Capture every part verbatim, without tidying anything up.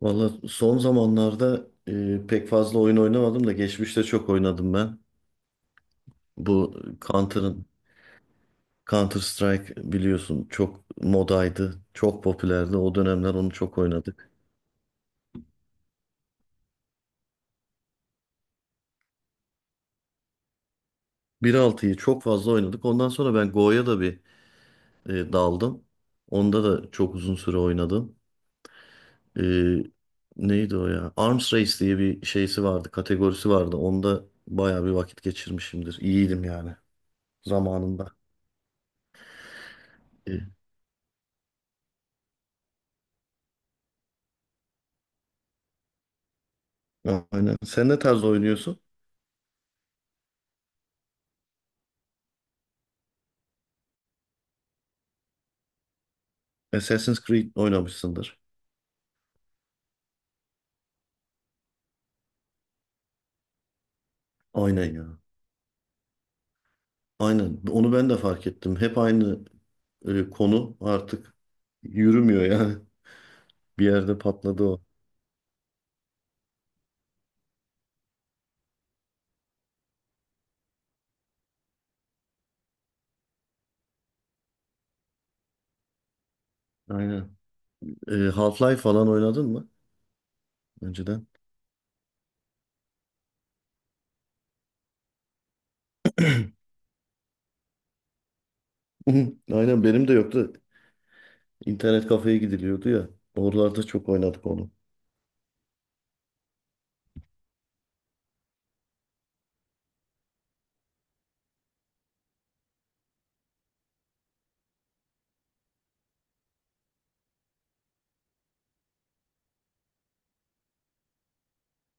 Valla son zamanlarda e, pek fazla oyun oynamadım da geçmişte çok oynadım ben. Bu Counter'ın Counter Strike biliyorsun çok modaydı, çok popülerdi. O dönemler onu çok oynadık. Bir altı'yı çok fazla oynadık. Ondan sonra ben Go'ya da bir e, daldım. Onda da çok uzun süre oynadım. E, neydi o ya? Arms Race diye bir şeysi vardı, kategorisi vardı. Onda bayağı bir vakit geçirmişimdir. İyiydim yani zamanında. E, aynen. Sen ne tarz oynuyorsun? Assassin's Creed oynamışsındır. Aynen ya. Aynen. Onu ben de fark ettim. Hep aynı e, konu artık yürümüyor yani. Bir yerde patladı o. Aynen. E, Half-Life falan oynadın mı önceden? Aynen benim de yoktu. İnternet kafeye gidiliyordu ya. Oralarda çok oynadık onu.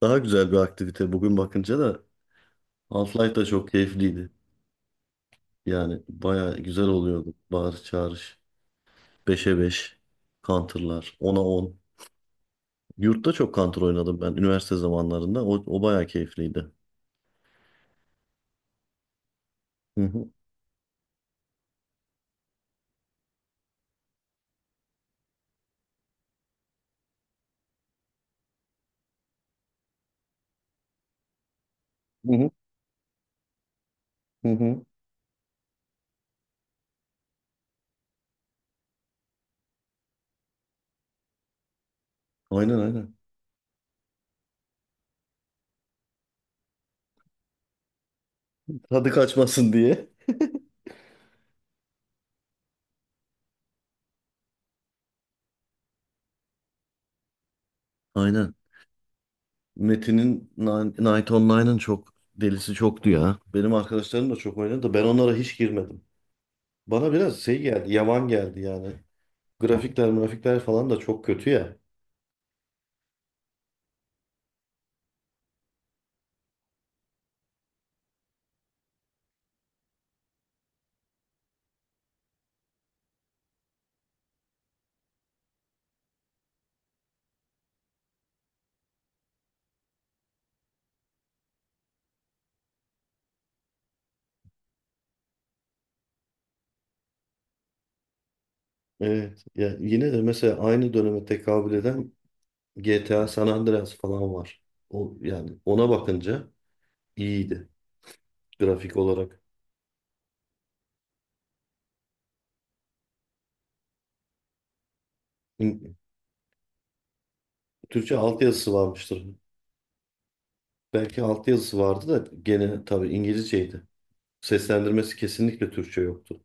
Daha güzel bir aktivite. Bugün bakınca da Half-Life da çok keyifliydi. Yani baya güzel oluyordu. Bağırış çağırış. Beşe beş, Counter'lar. Ona on. Yurtta çok Counter oynadım ben üniversite zamanlarında. O, o bayağı keyifliydi. Hı hı. Hı hı. Hı hı. Aynen aynen. Tadı kaçmasın diye. Aynen. Metin'in Ni- Night Online'ın çok delisi çoktu ya. Benim arkadaşlarım da çok oynadı da ben onlara hiç girmedim. Bana biraz şey geldi, yavan geldi yani. Grafikler, grafikler falan da çok kötü ya. Evet. Ya yine de mesela aynı döneme tekabül eden G T A San Andreas falan var. O yani ona bakınca iyiydi grafik olarak. Türkçe altyazısı varmıştır. Belki altyazısı vardı da gene tabii İngilizceydi. Seslendirmesi kesinlikle Türkçe yoktu.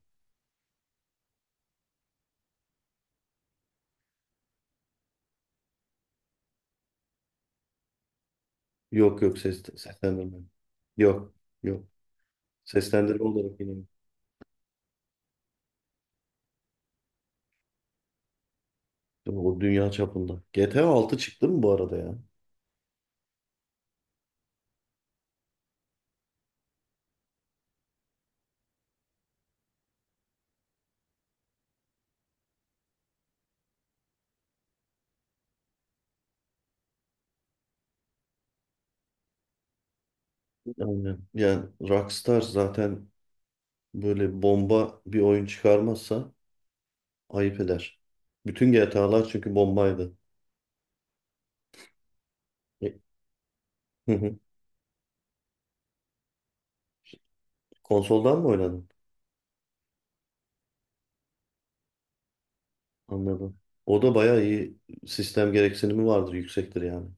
Yok yok ses, seslendirme. Yok yok. Seslendirme olarak yine. O dünya çapında. G T A altı çıktı mı bu arada ya? Yani, yani Rockstar zaten böyle bomba bir oyun çıkarmazsa ayıp eder. Bütün G T A'lar çünkü bombaydı. E, hı hı. Konsoldan mı oynadın? Anladım. O da bayağı iyi sistem gereksinimi vardır, yüksektir yani.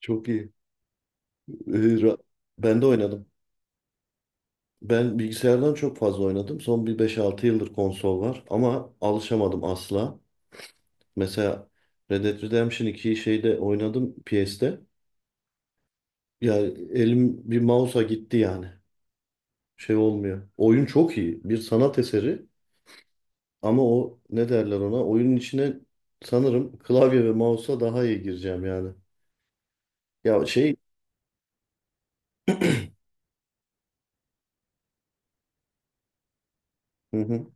Çok iyi. Ee, ra- ben de oynadım. Ben bilgisayardan çok fazla oynadım. Son bir beş altı yıldır konsol var ama alışamadım asla. Mesela Red Dead Redemption ikiyi şeyde oynadım P S'te. Yani elim bir mouse'a gitti yani. Şey olmuyor. Oyun çok iyi. Bir sanat eseri ama o ne derler ona? Oyunun içine sanırım klavye ve mouse'a daha iyi gireceğim yani. Ya şey hı hı,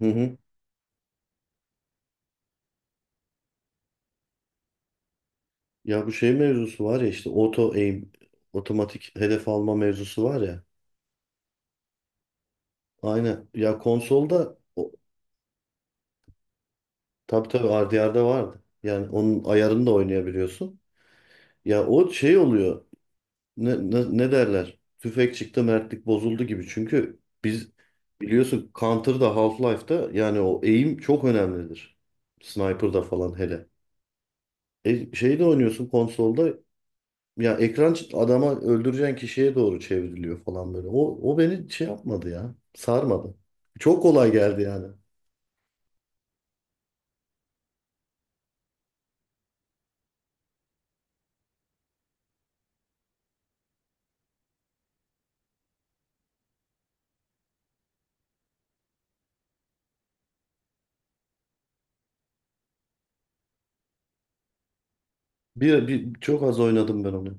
hı hı. Ya bu şey mevzusu var ya işte auto aim, otomatik hedef alma mevzusu var ya. Aynen. Ya konsolda o, tabii tabii R D R'da vardı. Yani onun ayarını da oynayabiliyorsun. Ya o şey oluyor. Ne, ne, ne derler? Tüfek çıktı, mertlik bozuldu gibi. Çünkü biz biliyorsun Counter'da, Half-Life'da yani o aim çok önemlidir. Sniper'da falan hele. E, şeyde oynuyorsun konsolda. Ya ekran çı- adama öldüreceğin kişiye doğru çevriliyor falan böyle. O, o beni şey yapmadı ya. Sarmadı. Çok kolay geldi yani. Bir, bir çok az oynadım ben onu.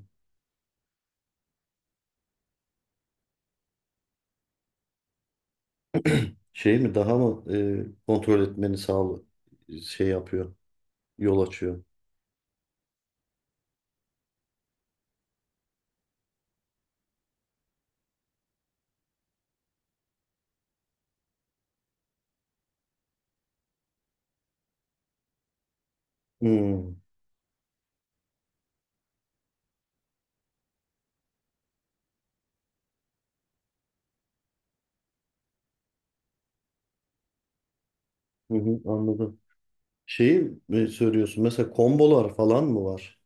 Şey mi daha mı e, kontrol etmeni sağlı şey yapıyor. Yol açıyor. Hmm. Hı hı, anladım. Şeyi mi söylüyorsun? Mesela kombolar falan mı var?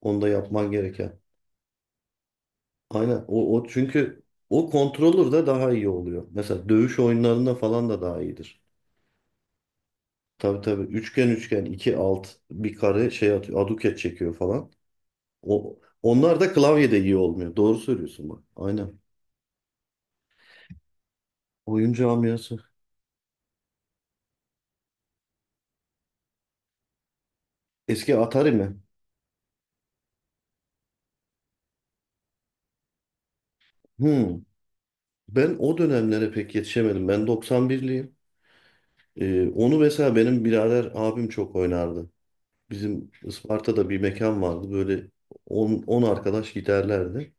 Onda yapman gereken. Aynen. O, o çünkü o kontrolür de daha iyi oluyor. Mesela dövüş oyunlarında falan da daha iyidir. Tabii tabii. Üçgen üçgen iki alt bir kare şey atıyor. Aduket çekiyor falan. O, onlar da klavyede iyi olmuyor. Doğru söylüyorsun bak. Aynen. Oyun camiası. Eski Atari mi? Hmm. Ben o dönemlere pek yetişemedim. Ben doksan birliyim. Ee, onu mesela benim birader abim çok oynardı. Bizim Isparta'da bir mekan vardı. Böyle on on arkadaş giderlerdi.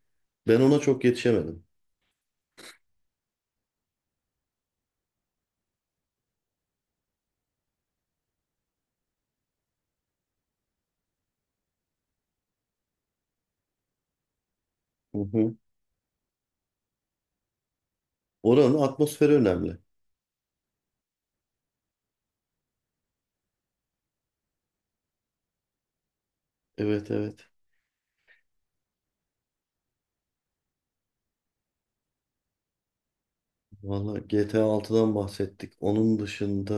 Ben ona çok yetişemedim. Hı hı. Oranın atmosferi önemli. Evet evet. Valla G T A altıdan bahsettik. Onun dışında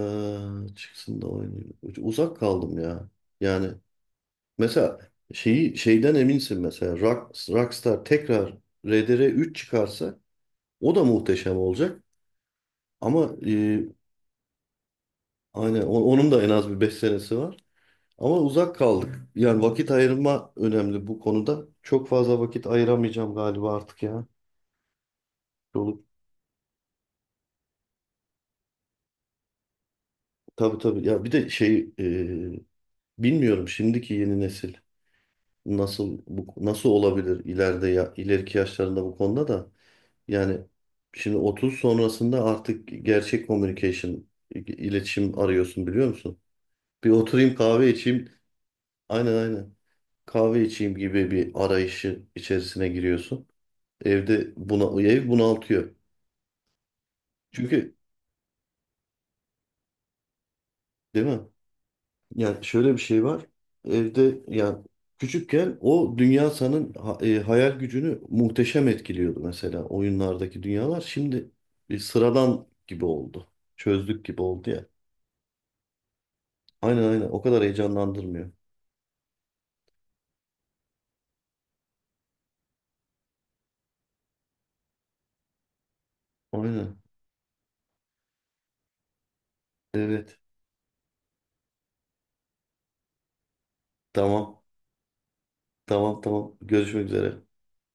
çıksın da oynayayım. Uzak kaldım ya. Yani mesela şeyi şeyden eminsin mesela Rock, Rockstar tekrar R D R üç çıkarsa o da muhteşem olacak. Ama e, aynen o- onun da en az bir beş senesi var. Ama uzak kaldık. Yani vakit ayırma önemli bu konuda. Çok fazla vakit ayıramayacağım galiba artık ya. Yolu, tabii tabii. Ya bir de şey e, bilmiyorum şimdiki yeni nesil. nasıl bu nasıl olabilir ileride ya, ileriki yaşlarında bu konuda da yani şimdi otuz sonrasında artık gerçek communication i- iletişim arıyorsun biliyor musun? Bir oturayım kahve içeyim. Aynen aynen. Kahve içeyim gibi bir arayışı içerisine giriyorsun. Evde buna ev bunaltıyor. Çünkü değil mi? Yani şöyle bir şey var. Evde yani küçükken o dünya sanın ha- e, hayal gücünü muhteşem etkiliyordu mesela oyunlardaki dünyalar. Şimdi bir sıradan gibi oldu. Çözdük gibi oldu ya. Aynen aynen o kadar heyecanlandırmıyor. Aynen. Evet. Tamam. Tamam tamam. Görüşmek üzere.